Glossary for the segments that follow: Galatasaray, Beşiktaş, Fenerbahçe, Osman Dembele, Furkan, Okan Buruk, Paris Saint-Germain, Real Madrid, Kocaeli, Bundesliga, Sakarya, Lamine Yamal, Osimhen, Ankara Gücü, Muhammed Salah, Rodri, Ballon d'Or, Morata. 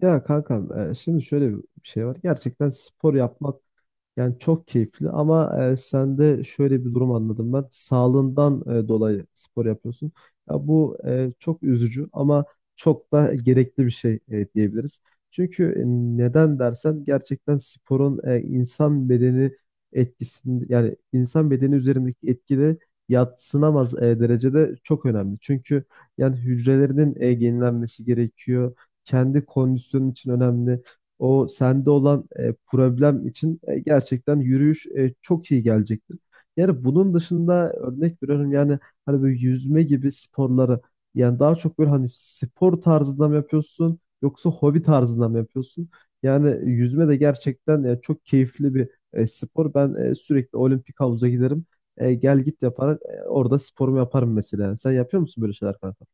Ya kanka, şimdi şöyle bir şey var. Gerçekten spor yapmak yani çok keyifli ama sen de şöyle bir durum anladım ben. Sağlığından dolayı spor yapıyorsun. Ya bu çok üzücü ama çok da gerekli bir şey diyebiliriz. Çünkü neden dersen gerçekten sporun insan bedeni etkisini yani insan bedeni üzerindeki etkide yadsınamaz derecede çok önemli. Çünkü yani hücrelerinin yenilenmesi gerekiyor. Kendi kondisyonun için önemli o sende olan problem için gerçekten yürüyüş çok iyi gelecektir. Yani bunun dışında örnek veriyorum yani hani böyle yüzme gibi sporları yani daha çok böyle hani spor tarzında mı yapıyorsun yoksa hobi tarzında mı yapıyorsun? Yani yüzme de gerçekten çok keyifli bir spor. Ben sürekli olimpik havuza giderim. Gel git yaparak orada sporumu yaparım mesela. Sen yapıyor musun böyle şeyler kanka?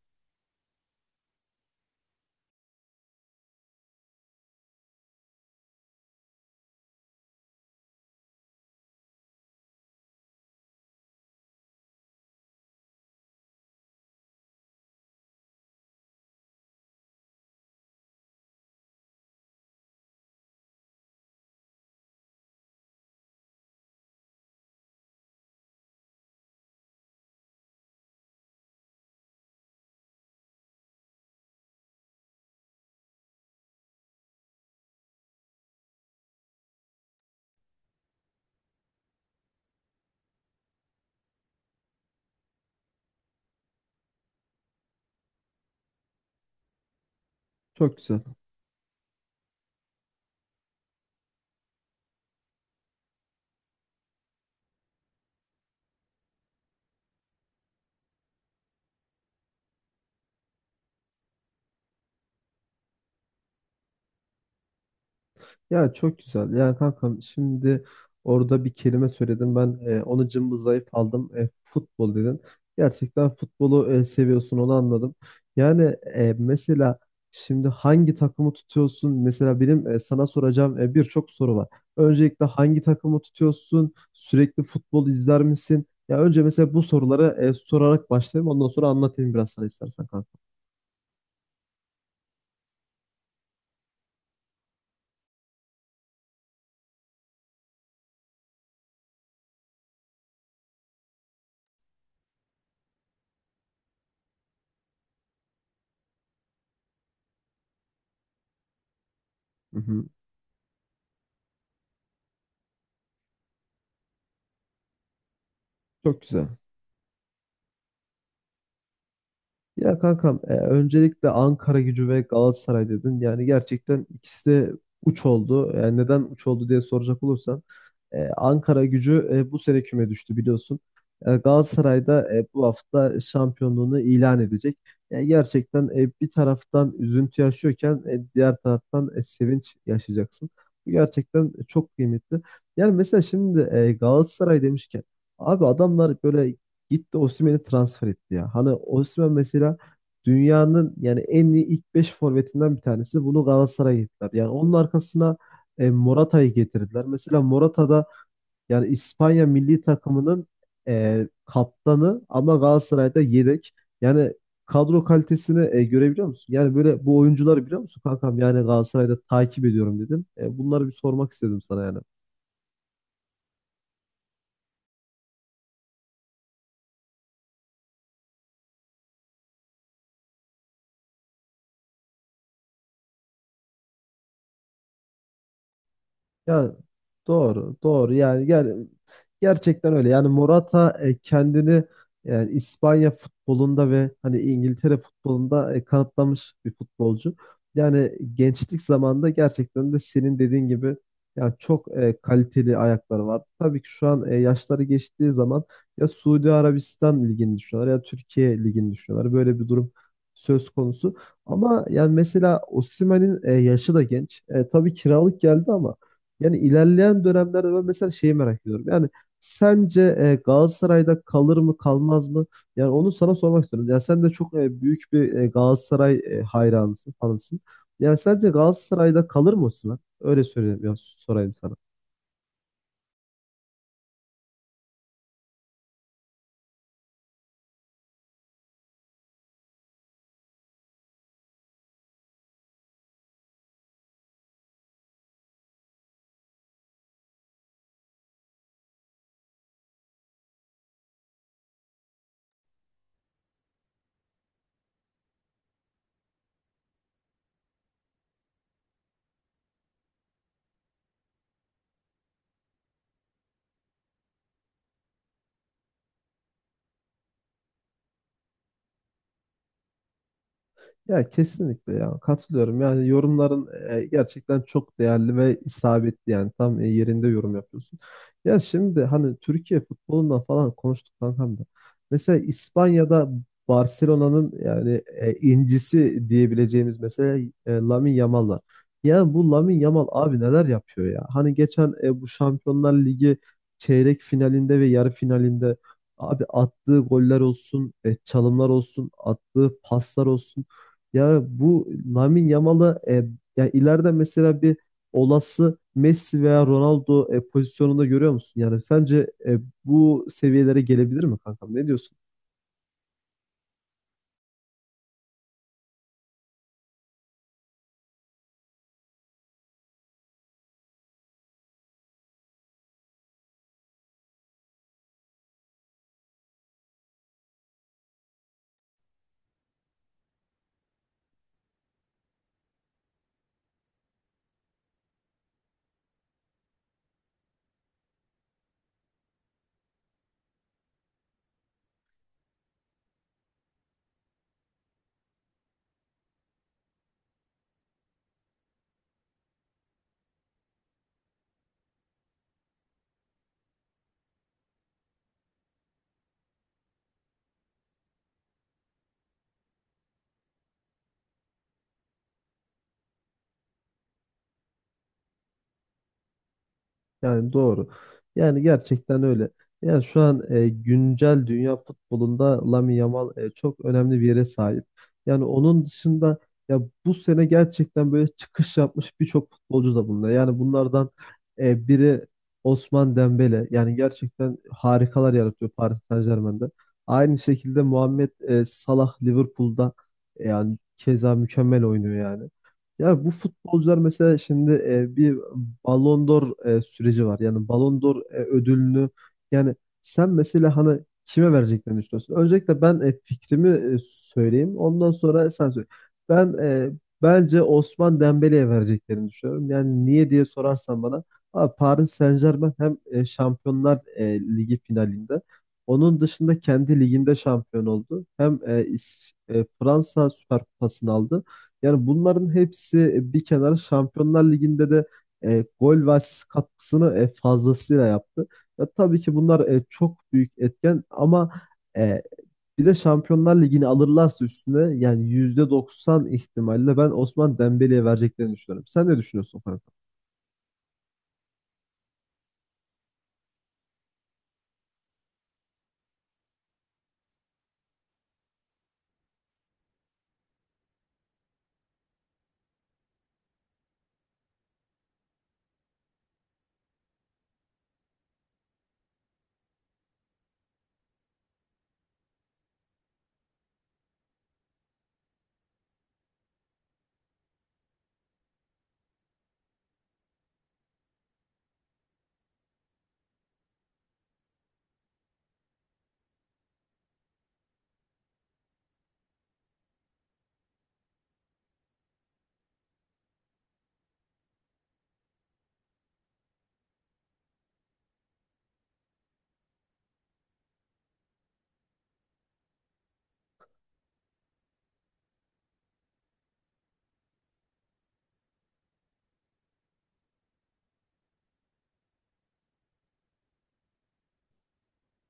Çok güzel. Ya çok güzel. Yani kankam şimdi orada bir kelime söyledin. Ben onu cımbızlayıp aldım. Futbol dedin. Gerçekten futbolu seviyorsun onu anladım. Yani mesela şimdi hangi takımı tutuyorsun? Mesela benim sana soracağım birçok soru var. Öncelikle hangi takımı tutuyorsun? Sürekli futbol izler misin? Ya önce mesela bu soruları sorarak başlayayım. Ondan sonra anlatayım biraz sana istersen kanka. Hı hı. Çok güzel. Ya kankam öncelikle Ankara Gücü ve Galatasaray dedin. Yani gerçekten ikisi de uç oldu. Yani neden uç oldu diye soracak olursan. Ankara Gücü bu sene küme düştü biliyorsun. Galatasaray da bu hafta şampiyonluğunu ilan edecek. Yani gerçekten bir taraftan üzüntü yaşıyorken diğer taraftan sevinç yaşayacaksın. Bu gerçekten çok kıymetli. Yani mesela şimdi Galatasaray demişken abi adamlar böyle gitti Osimhen'i transfer etti ya. Hani Osimhen mesela dünyanın yani en iyi ilk 5 forvetinden bir tanesi. Bunu Galatasaray'a getirdiler. Yani onun arkasına Morata'yı getirdiler. Mesela Morata yani İspanya milli takımının kaptanı ama Galatasaray'da yedek. Yani kadro kalitesini görebiliyor musun? Yani böyle bu oyuncuları biliyor musun kankam? Yani Galatasaray'da takip ediyorum dedim. Bunları bir sormak istedim sana yani. Ya doğru, doğru. Yani gerçekten öyle. Yani Morata kendini yani İspanya futbolunda ve hani İngiltere futbolunda kanıtlamış bir futbolcu. Yani gençlik zamanında gerçekten de senin dediğin gibi yani çok kaliteli ayakları var. Tabii ki şu an yaşları geçtiği zaman ya Suudi Arabistan ligini düşünüyorlar ya Türkiye ligini düşünüyorlar. Böyle bir durum söz konusu. Ama yani mesela Osimhen'in yaşı da genç. Tabii kiralık geldi ama yani ilerleyen dönemlerde ben mesela şeyi merak ediyorum. Yani sence Galatasaray'da kalır mı kalmaz mı? Yani onu sana sormak istiyorum. Yani sen de çok büyük bir Galatasaray hayranısın, fanısın. Yani sence Galatasaray'da kalır mı Osimhen? Öyle söyleyeyim, ya, sorayım sana. Ya kesinlikle ya katılıyorum. Yani yorumların gerçekten çok değerli ve isabetli yani tam yerinde yorum yapıyorsun. Ya şimdi hani Türkiye futbolundan falan konuştuk kankam da. Mesela İspanya'da Barcelona'nın yani incisi diyebileceğimiz mesela Lamine Yamal var. Ya bu Lamine Yamal abi neler yapıyor ya? Hani geçen bu Şampiyonlar Ligi çeyrek finalinde ve yarı finalinde abi attığı goller olsun, çalımlar olsun, attığı paslar olsun. Ya bu Lamine Yamal'ı, ya ileride mesela bir olası Messi veya Ronaldo pozisyonunda görüyor musun? Yani sence bu seviyelere gelebilir mi kankam? Ne diyorsun? Yani doğru. Yani gerçekten öyle. Yani şu an güncel dünya futbolunda Lamine Yamal çok önemli bir yere sahip. Yani onun dışında ya bu sene gerçekten böyle çıkış yapmış birçok futbolcu da bunda. Yani bunlardan biri Osman Dembele. Yani gerçekten harikalar yaratıyor Paris Saint-Germain'de. Aynı şekilde Muhammed Salah Liverpool'da yani keza mükemmel oynuyor yani. Ya bu futbolcular mesela şimdi bir Ballon d'Or süreci var. Yani Ballon d'Or ödülünü yani sen mesela hani kime vereceklerini düşünüyorsun? Öncelikle ben fikrimi söyleyeyim. Ondan sonra sen söyle. Ben e, Bence Osman Dembele'ye vereceklerini düşünüyorum. Yani niye diye sorarsan bana abi Paris Saint-Germain hem Şampiyonlar Ligi finalinde onun dışında kendi liginde şampiyon oldu. Hem Fransa Süper Kupası'nı aldı. Yani bunların hepsi bir kenara Şampiyonlar Ligi'nde de gol ve asist katkısını fazlasıyla yaptı. Ya, tabii ki bunlar çok büyük etken ama e, bir de Şampiyonlar Ligi'ni alırlarsa üstüne yani %90 ihtimalle ben Osman Dembele'ye vereceklerini düşünüyorum. Sen ne düşünüyorsun Furkan?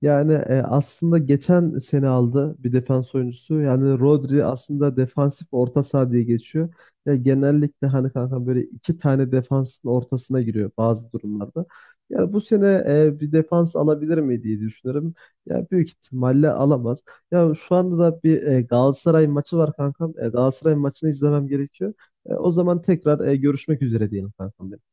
Yani aslında geçen sene aldı bir defans oyuncusu. Yani Rodri aslında defansif orta saha diye geçiyor. Ya genellikle hani kanka böyle iki tane defansın ortasına giriyor bazı durumlarda. Yani bu sene bir defans alabilir mi diye düşünüyorum. Ya büyük ihtimalle alamaz. Ya şu anda da bir Galatasaray maçı var kankam. Galatasaray maçını izlemem gerekiyor. O zaman tekrar görüşmek üzere diyelim kankam. Benim.